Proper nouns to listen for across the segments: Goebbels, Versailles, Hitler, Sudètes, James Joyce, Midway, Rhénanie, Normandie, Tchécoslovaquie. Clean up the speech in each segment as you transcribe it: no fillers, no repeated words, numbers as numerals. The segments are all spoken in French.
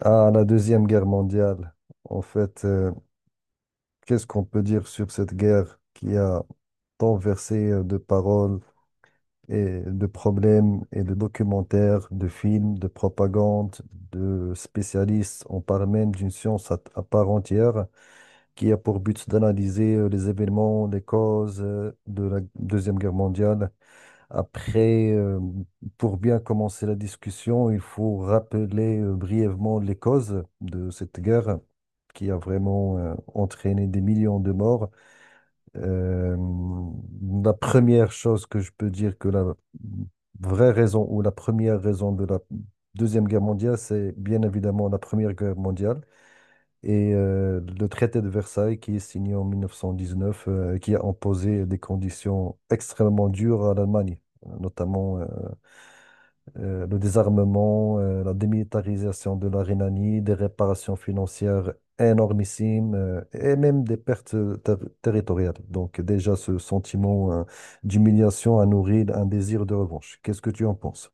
Ah, la Deuxième Guerre mondiale. En fait, qu'est-ce qu'on peut dire sur cette guerre qui a tant versé de paroles et de problèmes et de documentaires, de films, de propagande, de spécialistes. On parle même d'une science à part entière qui a pour but d'analyser les événements, les causes de la Deuxième Guerre mondiale après. Pour bien commencer la discussion, il faut rappeler brièvement les causes de cette guerre qui a vraiment entraîné des millions de morts. Euh, la première chose que je peux dire que la vraie raison ou la première raison de la Deuxième Guerre mondiale, c'est bien évidemment la Première Guerre mondiale et le traité de Versailles qui est signé en 1919, qui a imposé des conditions extrêmement dures à l'Allemagne, notamment le désarmement, la démilitarisation de la Rhénanie, des réparations financières énormissimes et même des pertes ter- territoriales. Donc déjà ce sentiment d'humiliation a nourri un désir de revanche. Qu'est-ce que tu en penses?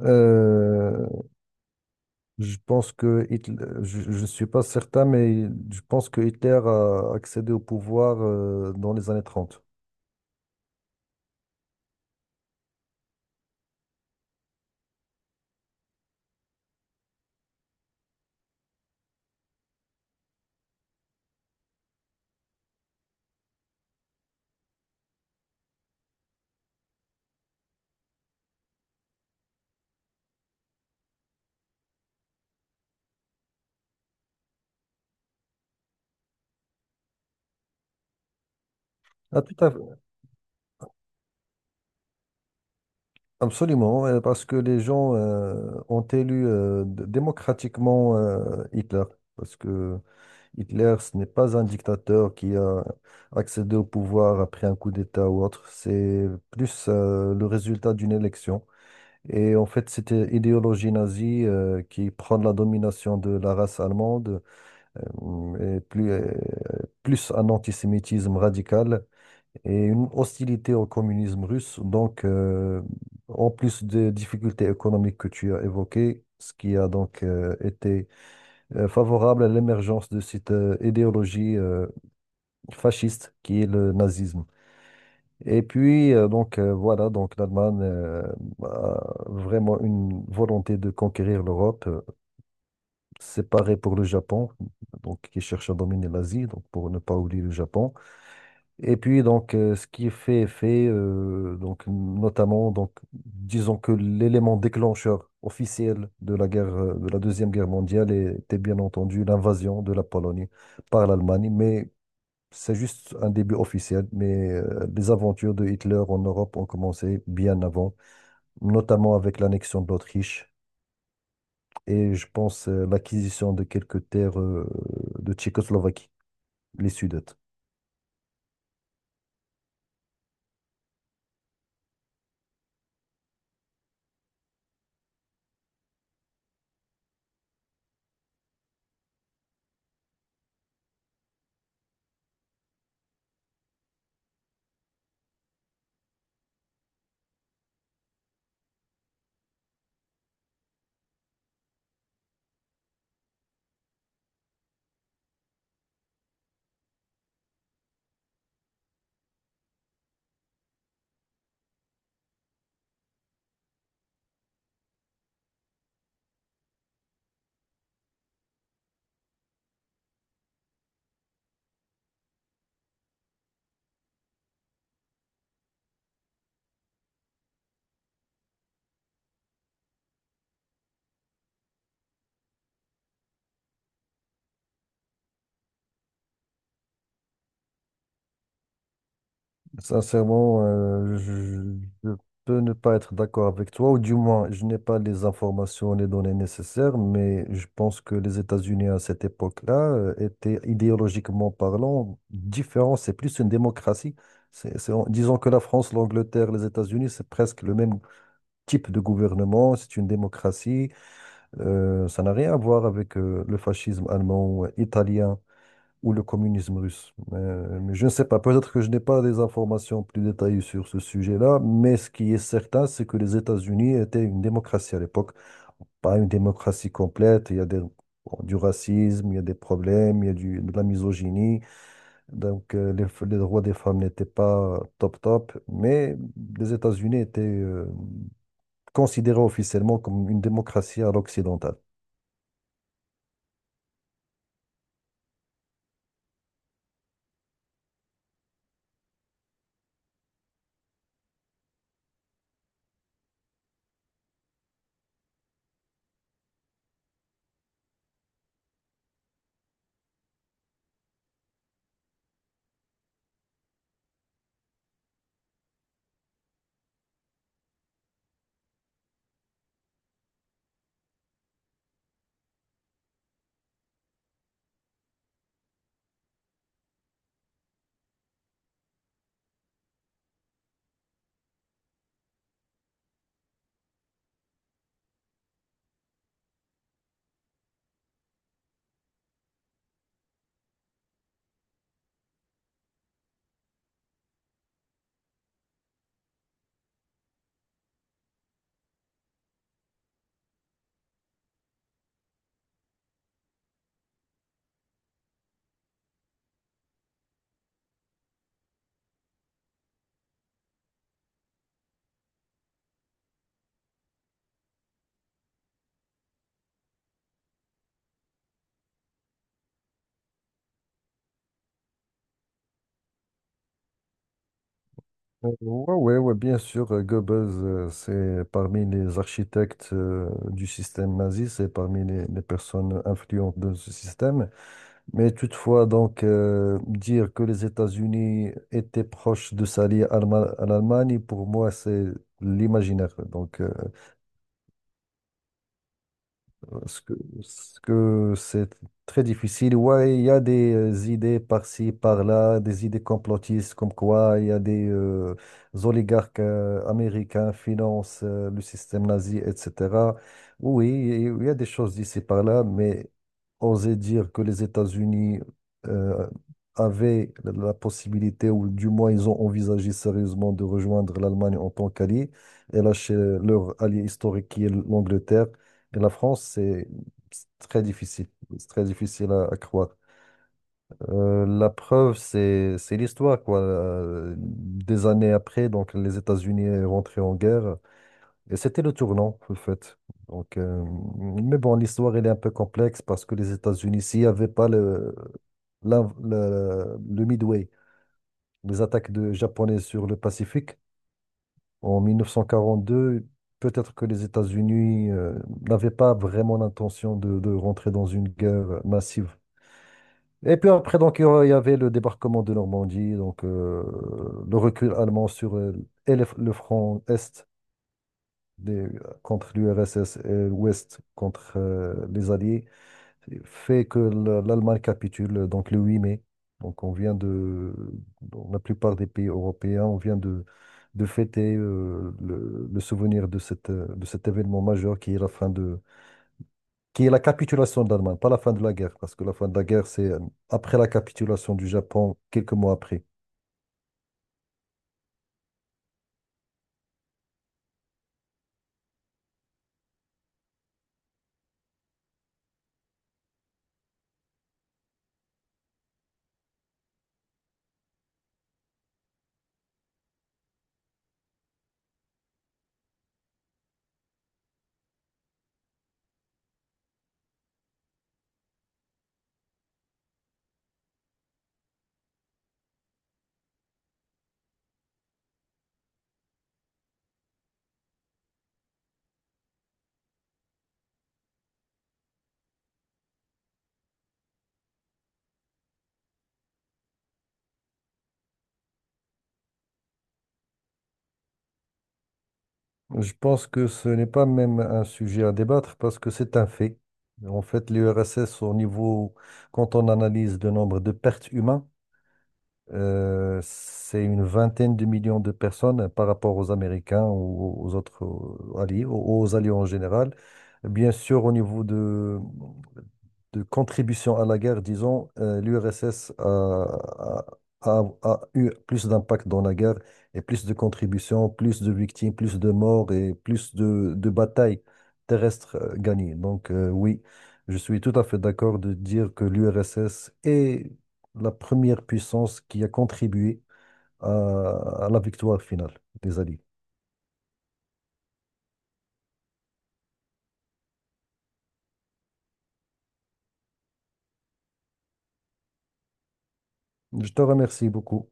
Euh, Je pense que Hitler, je ne suis pas certain, mais je pense que Hitler a accédé au pouvoir dans les années trente. Ah, tout à fait. Absolument, parce que les gens ont élu démocratiquement Hitler. Parce que Hitler, ce n'est pas un dictateur qui a accédé au pouvoir après un coup d'État ou autre. C'est plus le résultat d'une élection. Et en fait, c'était l'idéologie nazie qui prend la domination de la race allemande euh, et plus, euh, plus un antisémitisme radical et une hostilité au communisme russe. Donc, en plus des difficultés économiques que tu as évoquées, ce qui a donc été favorable à l'émergence de cette idéologie fasciste qui est le nazisme. Et puis, voilà, donc l'Allemagne a vraiment une volonté de conquérir l'Europe. C'est pareil pour le Japon, donc qui cherche à dominer l'Asie, donc pour ne pas oublier le Japon. Et puis donc ce qui est fait, donc notamment donc disons que l'élément déclencheur officiel de la guerre de la Deuxième Guerre mondiale était bien entendu l'invasion de la Pologne par l'Allemagne, mais c'est juste un début officiel. Mais les aventures de Hitler en Europe ont commencé bien avant, notamment avec l'annexion de l'Autriche et je pense l'acquisition de quelques terres de Tchécoslovaquie, les Sudètes. Sincèrement, je peux ne pas être d'accord avec toi, ou du moins, je n'ai pas les informations, les données nécessaires, mais je pense que les États-Unis à cette époque-là étaient idéologiquement parlant différents. C'est plus une démocratie. Disons que la France, l'Angleterre, les États-Unis, c'est presque le même type de gouvernement. C'est une démocratie. Ça n'a rien à voir avec le fascisme allemand, italien ou le communisme russe. Mais je ne sais pas, peut-être que je n'ai pas des informations plus détaillées sur ce sujet-là, mais ce qui est certain, c'est que les États-Unis étaient une démocratie à l'époque. Pas une démocratie complète, il y a des- bon, du racisme, il y a des problèmes, il y a du- de la misogynie. Donc les droits des femmes n'étaient pas top top, mais les États-Unis étaient considérés officiellement comme une démocratie à l'occidentale. Ouais, ouais, ouais, bien sûr, Goebbels, c'est parmi les architectes du système nazi, c'est parmi les personnes influentes de ce système. Mais toutefois, donc, dire que les États-Unis étaient proches de s'allier à l'Allemagne, pour moi, c'est l'imaginaire. Donc, parce que c'est très difficile. Ouais, il y a des idées par-ci, par-là, des idées complotistes, comme quoi il y a des oligarques américains financent le système nazi, etc. Oui, il y a des choses d'ici par-là, mais oser dire que les États-Unis euh, avaient la possibilité, ou du moins ils ont envisagé sérieusement de rejoindre l'Allemagne en tant qu'allié et lâcher leur allié historique qui est l'Angleterre. Et la France, c'est très difficile. C'est très difficile à croire. La preuve, c'est l'histoire, quoi. Des années après, donc les États-Unis sont rentrés en guerre. Et c'était le tournant, en fait. Donc, mais bon, l'histoire, elle est un peu complexe parce que les États-Unis, s'il n'y avait pas le Midway, les attaques de japonais sur le Pacifique, en 1942, peut-être que les États-Unis n'avaient pas vraiment l'intention de rentrer dans une guerre massive. Et puis après, donc, il y avait le débarquement de Normandie, donc le recul allemand sur et le front Est des- contre l'URSS et l'Ouest contre les Alliés fait que l'Allemagne capitule donc le 8 mai. Donc on vient de, dans la plupart des pays européens, on vient de fêter le souvenir de cette, de cet événement majeur qui est la fin de, qui est la capitulation de l'Allemagne, pas la fin de la guerre, parce que la fin de la guerre, c'est après la capitulation du Japon, quelques mois après. Je pense que ce n'est pas même un sujet à débattre parce que c'est un fait. En fait, l'URSS, au niveau, quand on analyse le nombre de pertes humaines, c'est une vingtaine de millions de personnes par rapport aux Américains ou aux autres alliés, aux alliés en général. Bien sûr, au niveau de contribution à la guerre, disons, l'URSS a eu plus d'impact dans la guerre et plus de contributions, plus de victimes, plus de morts et plus de batailles terrestres gagnées. Donc oui, je suis tout à fait d'accord de dire que l'URSS et la première puissance qui a contribué à, à la victoire finale des Alliés. Je te remercie beaucoup.